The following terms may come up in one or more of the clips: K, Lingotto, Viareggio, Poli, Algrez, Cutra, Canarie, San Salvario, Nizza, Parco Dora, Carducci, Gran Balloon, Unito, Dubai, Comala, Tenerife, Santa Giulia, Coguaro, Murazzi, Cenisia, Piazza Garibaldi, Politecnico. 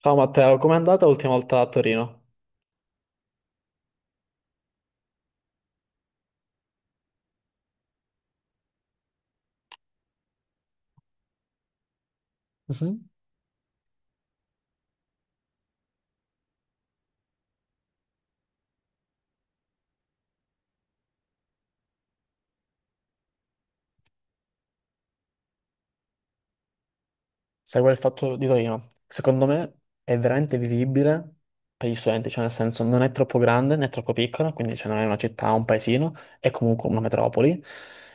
Ciao Matteo, com'è andata l'ultima volta a Torino? Mhm. Sai qual è il fatto di Torino? Secondo me è veramente vivibile per gli studenti, cioè nel senso non è troppo grande né troppo piccola, quindi cioè, non è una città, un paesino, è comunque una metropoli,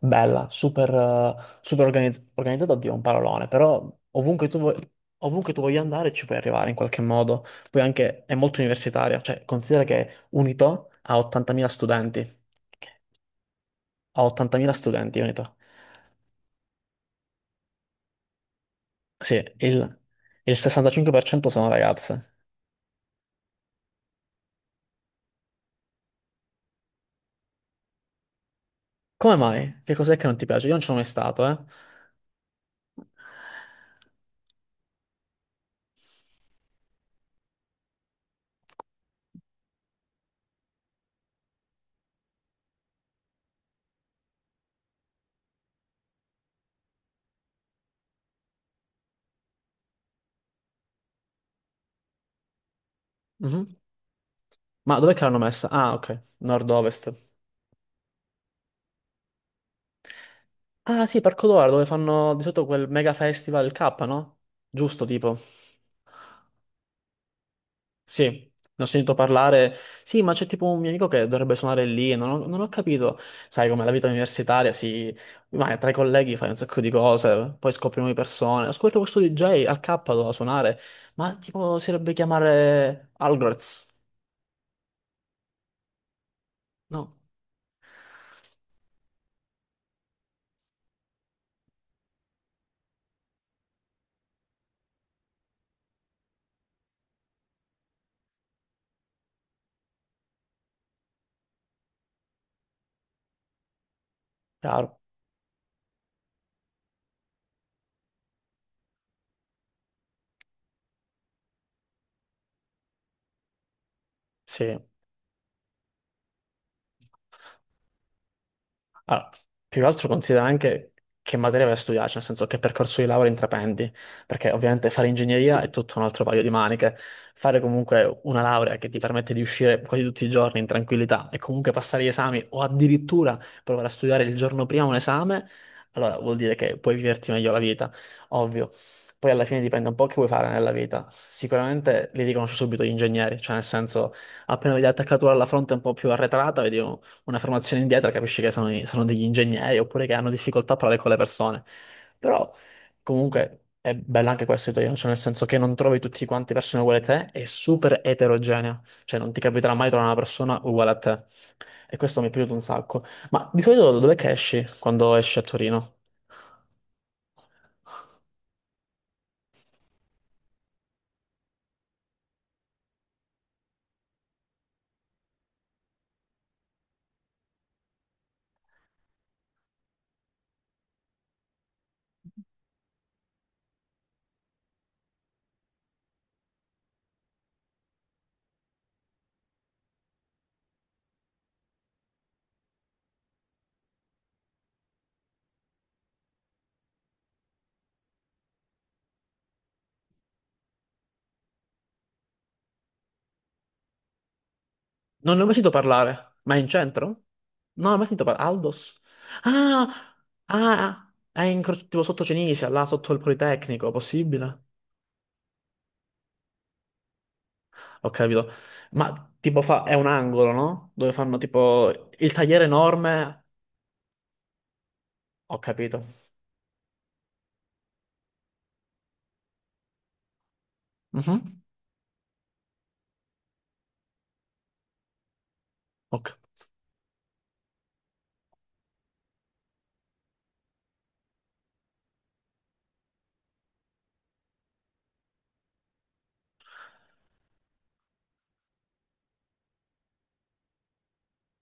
bella, super, super organizzata, oddio, un parolone, però ovunque tu, vuoi, ovunque tu voglia andare ci puoi arrivare in qualche modo, poi anche è molto universitaria, cioè considera che Unito ha 80.000 studenti, ha 80.000 studenti Unito. Sì, il 65% sono ragazze. Come mai? Che cos'è che non ti piace? Io non ci sono mai stato, eh. Mhm. Ma dov'è che l'hanno messa? Ah, ok, nord-ovest. Ah, sì, Parco Dora, dove fanno di solito quel mega festival, il K, no? Giusto, tipo. Sì, ne ho sentito parlare. Sì, ma c'è tipo un mio amico che dovrebbe suonare lì. Non ho capito. Sai, come la vita universitaria si. Vai tra i colleghi fai un sacco di cose, poi scopri nuove persone. Ascolta questo DJ al K doveva suonare, ma tipo si dovrebbe chiamare Algrez. No, chiaro. Sì. Allora, più che altro considera anche che materia vai a studiare, cioè nel senso che percorso di laurea intraprendi, perché ovviamente fare ingegneria è tutto un altro paio di maniche. Fare comunque una laurea che ti permette di uscire quasi tutti i giorni in tranquillità e comunque passare gli esami o addirittura provare a studiare il giorno prima un esame, allora vuol dire che puoi viverti meglio la vita, ovvio. Poi alla fine dipende un po' che vuoi fare nella vita. Sicuramente li riconosci subito gli ingegneri, cioè nel senso appena vedi l'attaccatura alla fronte un po' più arretrata, vedi una formazione indietro, capisci che sono degli ingegneri oppure che hanno difficoltà a parlare con le persone. Però comunque è bello anche questo italiano, cioè nel senso che non trovi tutti quanti persone uguali a te, è super eterogenea, cioè non ti capiterà mai trovare una persona uguale a te. E questo mi è piaciuto un sacco. Ma di solito dov'è che esci quando esci a Torino? Non ne ho mai sentito parlare, ma è in centro? Non ho mai sentito parlare. Aldos? Ah, ah, ah, è in, tipo sotto Cenisia, là sotto il Politecnico, possibile? Ho capito. Ma tipo fa, è un angolo, no? Dove fanno tipo il tagliere enorme. Ho capito. Mhm. Ok.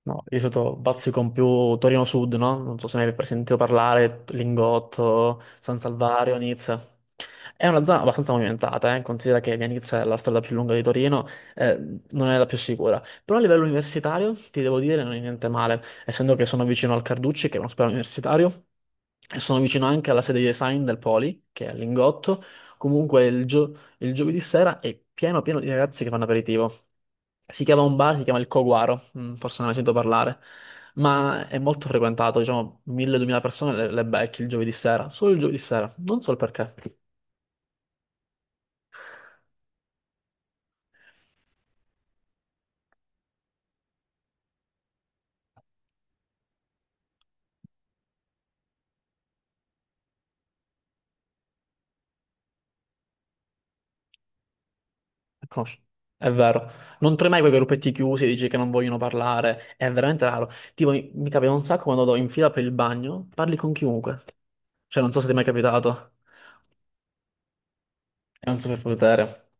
No, io sono bazzico più Torino Sud, no? Non so se ne hai mai sentito parlare, Lingotto, San Salvario, Nizza. È una zona abbastanza movimentata, considera che Viareggio è la strada più lunga di Torino, eh, non è la più sicura. Però a livello universitario, ti devo dire, non è niente male, essendo che sono vicino al Carducci, che è un ospedale universitario, e sono vicino anche alla sede di design del Poli, che è a Lingotto. Comunque il giovedì sera è pieno pieno di ragazzi che fanno aperitivo. Si chiama un bar, si chiama il Coguaro, forse non ne sento parlare, ma è molto frequentato, diciamo 1000-2000 persone le becchi il giovedì sera, solo il giovedì sera, non so il perché. Conosci- È vero. Non trovi mai quei gruppetti chiusi, dici che non vogliono parlare. È veramente raro. Tipo, mi capita un sacco quando vado in fila per il bagno, parli con chiunque. Cioè, non so se ti è mai capitato. È un superpotere.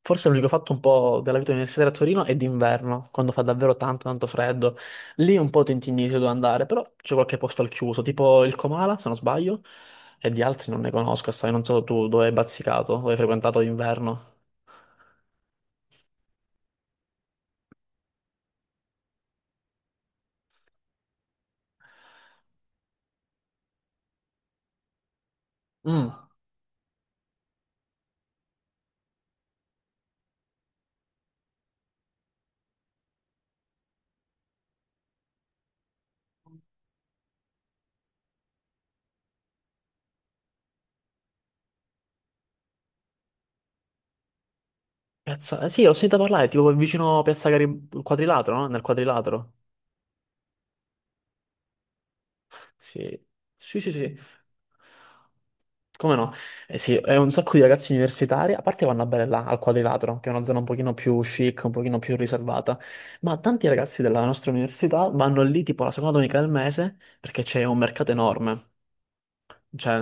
Forse l'unico fatto un po' della vita universitaria a Torino è d'inverno, quando fa davvero tanto, tanto freddo. Lì un po' ti intinisci dove andare, però c'è qualche posto al chiuso, tipo il Comala, se non sbaglio, e di altri non ne conosco, sai, non so tu dove hai bazzicato, dove hai frequentato d'inverno. Mm. Piazza, sì, l'ho sentita parlare, tipo vicino Piazza Garibaldi, quadrilatero, no? Nel quadrilatero. Sì, sì, sì, sì. Come no? Eh sì, è un sacco di ragazzi universitari, a parte vanno a bere là, al quadrilatero, che è una zona un pochino più chic, un pochino più riservata, ma tanti ragazzi della nostra università vanno lì tipo la seconda domenica del mese, perché c'è un mercato enorme, cioè,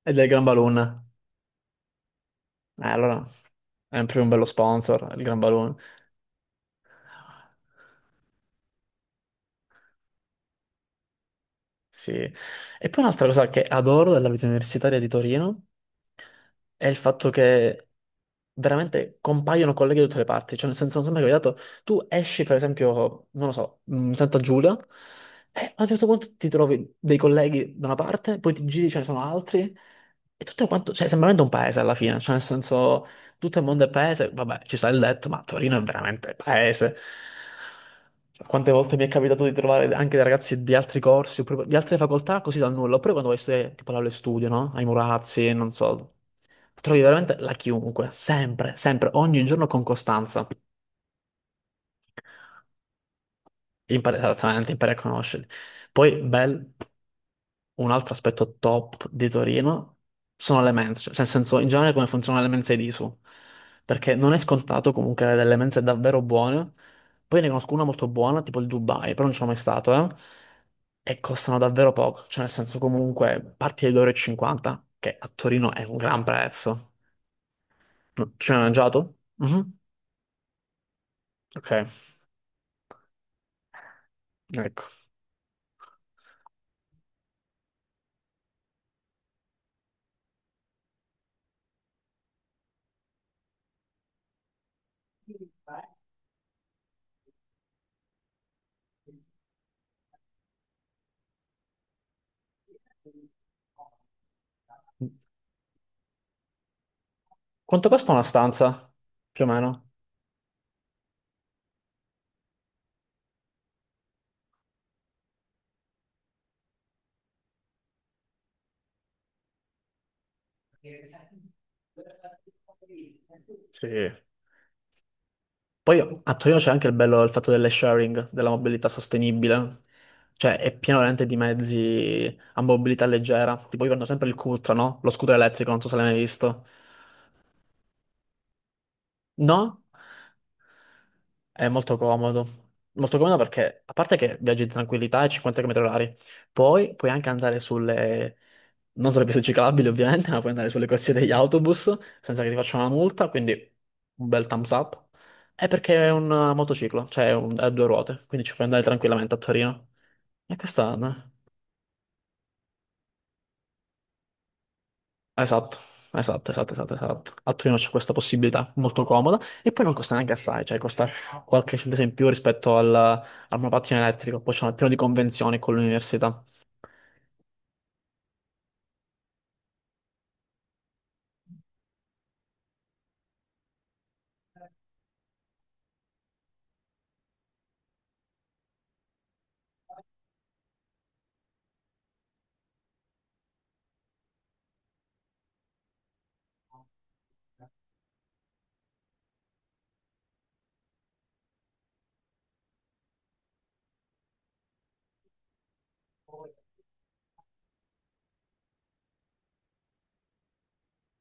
è del Gran Balloon. Eh, allora, è proprio un bello sponsor, il Gran Balloon. Sì. E poi un'altra cosa che adoro della vita universitaria di Torino è il fatto che veramente compaiono colleghi da tutte le parti. Cioè, nel senso, non sembra capitato, tu esci, per esempio, non lo so, Santa Giulia, e a un certo punto ti trovi dei colleghi da una parte, poi ti giri, ce ne sono altri, e tutto quanto, cioè, sembra veramente un paese alla fine. Cioè, nel senso, tutto il mondo è paese, vabbè, ci sta il detto, ma Torino è veramente paese. Cioè, quante volte mi è capitato di trovare anche dei ragazzi di altri corsi, oppure di altre facoltà, così dal nulla. Oppure quando vai a studiare, tipo l'aula e studio, no? Ai Murazzi, non so. Trovi veramente la chiunque, sempre, sempre, ogni giorno con costanza. Impari esattamente, impari a conoscerli. Poi, bel, un altro aspetto top di Torino sono le mense, cioè, nel senso, in generale come funzionano le mense di su, perché non è scontato comunque avere delle mense davvero buone. Poi ne conosco una molto buona, tipo il Dubai, però non ci sono mai stato, eh. E costano davvero poco, cioè nel senso comunque parti da 2,50 euro, e cinquanta, che a Torino è un gran prezzo. No, ci hai mangiato? Mhm. Ok, ecco. Quanto costa una stanza? Più o meno? Sì. Poi a Torino c'è anche il bello del fatto delle sharing, della mobilità sostenibile. Cioè, è pieno veramente di mezzi a mobilità leggera. Tipo, io prendo sempre il Cutra, no? Lo scooter elettrico, non so se l'hai mai visto. No? È molto comodo. Molto comodo perché, a parte che viaggi in tranquillità ai 50 km orari, poi puoi anche andare sulle, non sulle piste ciclabili ovviamente, ma puoi andare sulle corsie degli autobus senza che ti facciano una multa, quindi un bel thumbs up. È perché è un motociclo, cioè è a due ruote, quindi ci puoi andare tranquillamente a Torino. E quest'anno. Esatto, esatto, esatto, esatto, esatto. A Torino c'è questa possibilità molto comoda e poi non costa neanche assai, cioè costa qualche centesimo in più rispetto al monopattino elettrico, poi c'è un piano di convenzioni con l'università,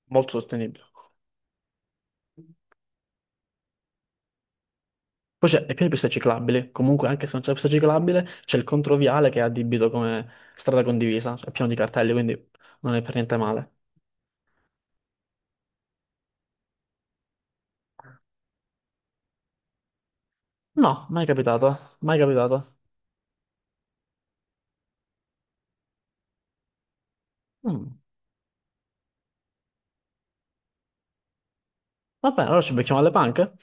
molto sostenibile. Poi c'è il piano di piste ciclabili, comunque anche se non c'è la pista ciclabile c'è il controviale che è addibito come strada condivisa, cioè pieno di cartelli, quindi non è per niente male. No, mai capitato, mai capitato. Mm. Va bene, allora ci becchiamo alle panche?